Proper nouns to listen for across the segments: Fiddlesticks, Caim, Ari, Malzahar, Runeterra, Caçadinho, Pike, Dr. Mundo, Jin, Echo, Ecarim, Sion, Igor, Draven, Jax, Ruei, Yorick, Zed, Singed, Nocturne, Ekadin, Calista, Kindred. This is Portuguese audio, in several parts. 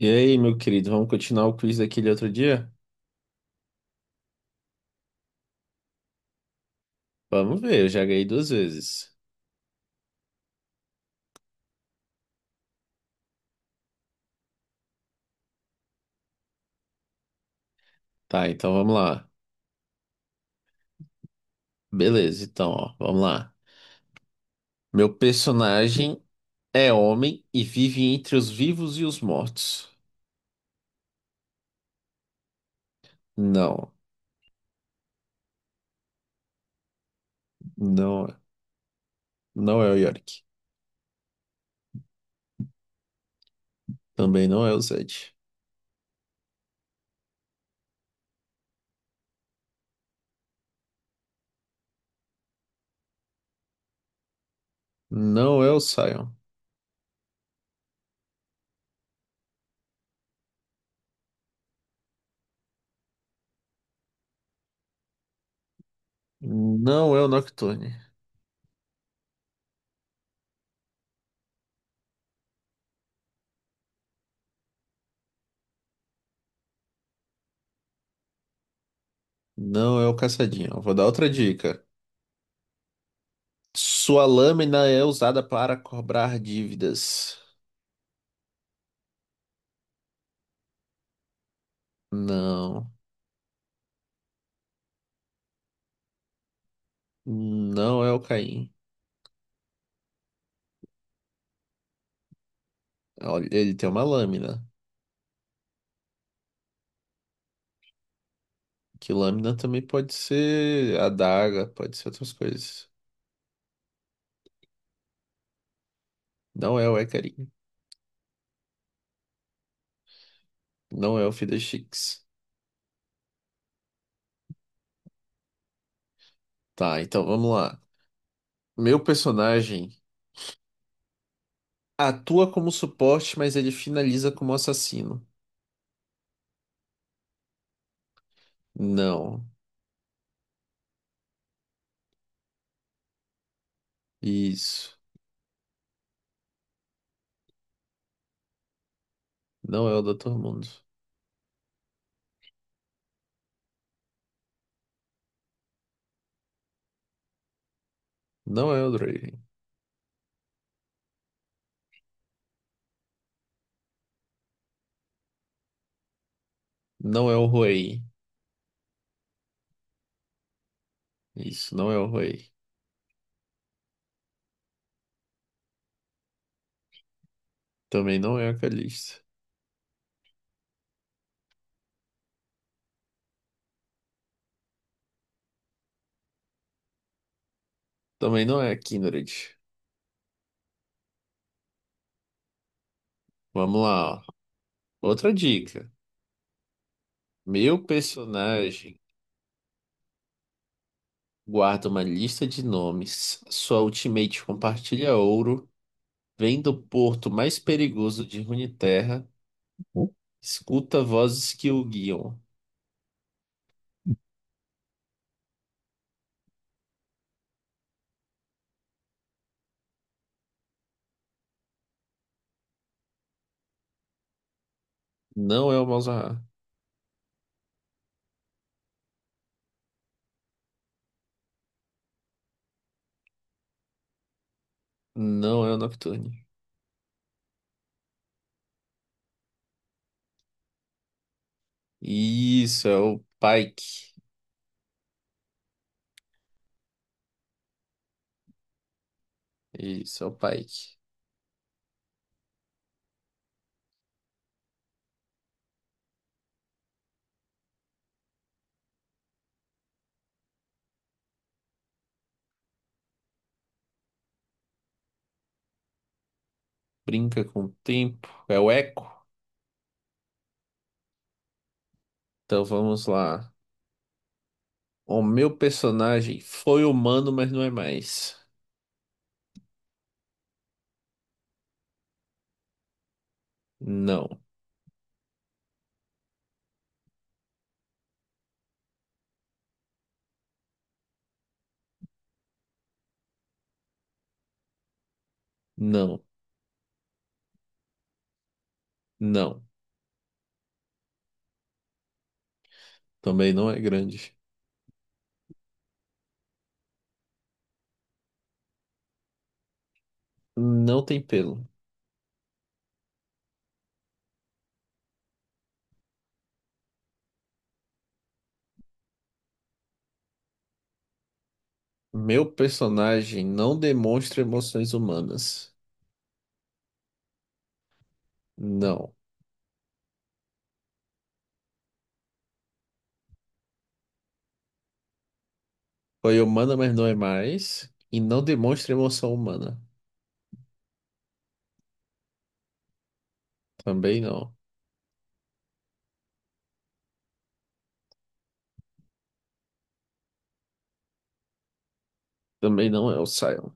E aí, meu querido, vamos continuar o quiz daquele outro dia? Vamos ver, eu já ganhei duas vezes. Tá, então vamos lá. Beleza, então, ó, vamos lá. Meu personagem é homem e vive entre os vivos e os mortos. Não, não, não é o Yorick. Também não é o Zed. Não é o Sion. Não é o Nocturne. Não é o Caçadinho. Eu vou dar outra dica. Sua lâmina é usada para cobrar dívidas. Não. Não é o Caim. Olha, ele tem uma lâmina. Que lâmina também pode ser adaga, pode ser outras coisas. Não é o Ecarim. Não é o Fiddlesticks. Tá, então vamos lá. Meu personagem atua como suporte, mas ele finaliza como assassino. Não. Isso. Não é o Dr. Mundo. Não é o Draven. Não é o Ruei. Isso, não é o Ruei. Também não é a Calista. Também não é a Kindred. Vamos lá, ó. Outra dica. Meu personagem guarda uma lista de nomes. Sua ultimate compartilha ouro. Vem do porto mais perigoso de Runeterra. Escuta vozes que o guiam. Não é o Malzahar. Não é o Nocturne. Isso, é o Pike. Isso, é o Pike. Brinca com o tempo. É o Echo. Então vamos lá. O meu personagem foi humano, mas não é mais. Não, não, não. Também não é grande. Não tem pelo. Meu personagem não demonstra emoções humanas. Não. Foi humana, mas não é mais. E não demonstra emoção humana. Também não. Também não é o Sion.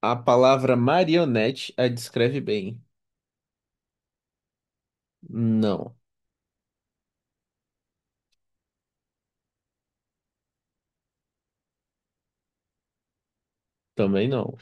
A palavra marionete a descreve bem. Não. Também não.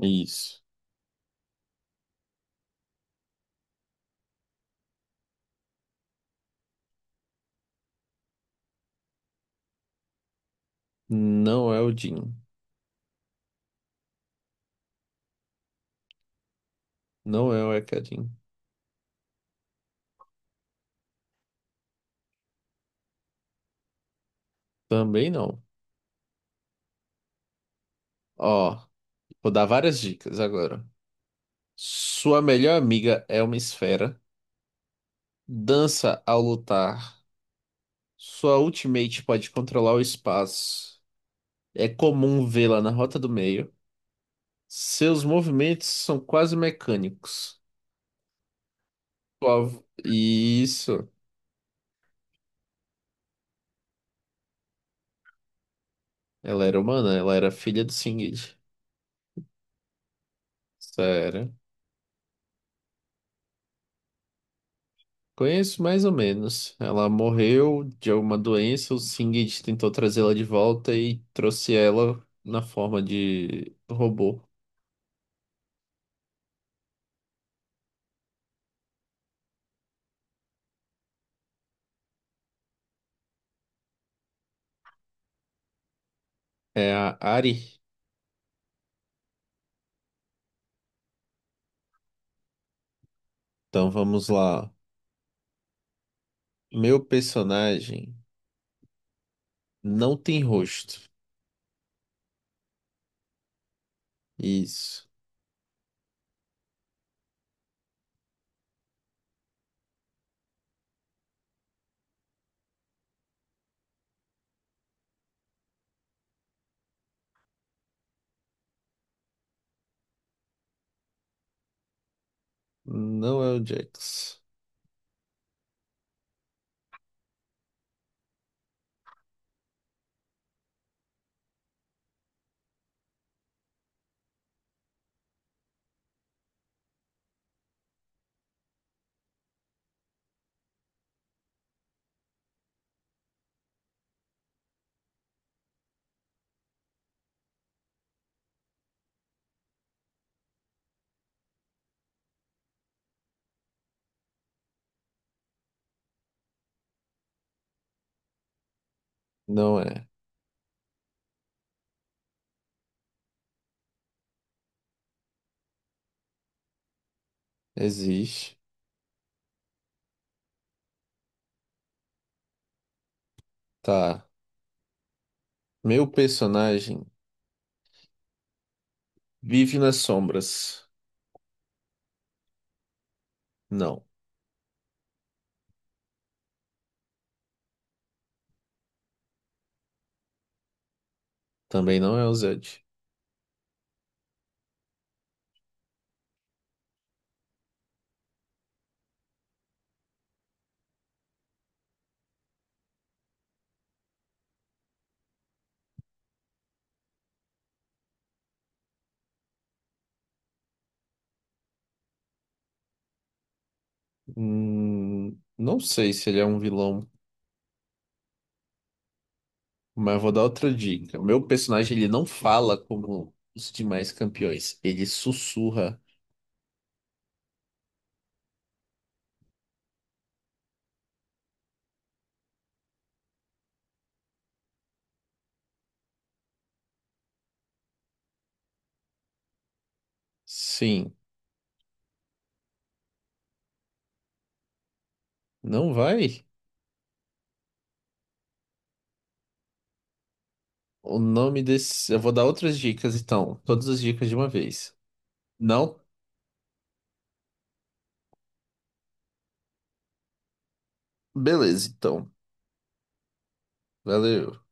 Isso. Não é o Jin. Não é o Ekadin. Também não. Ó, vou dar várias dicas agora. Sua melhor amiga é uma esfera. Dança ao lutar. Sua ultimate pode controlar o espaço. É comum vê-la na rota do meio. Seus movimentos são quase mecânicos. Isso. Ela era humana, ela era filha do Singed. Sério. Conheço mais ou menos. Ela morreu de alguma doença, o Singed tentou trazê-la de volta e trouxe ela na forma de robô. É a Ari. Então vamos lá. Meu personagem não tem rosto. Isso. Não é o Jax. Não é. Existe. Tá. Meu personagem vive nas sombras. Não. Também não é o Zed. Não sei se ele é um vilão, mas vou dar outra dica. Meu personagem, ele não fala como os demais campeões. Ele sussurra. Sim. Não vai? O nome desse. Eu vou dar outras dicas, então. Todas as dicas de uma vez. Não? Beleza, então. Valeu.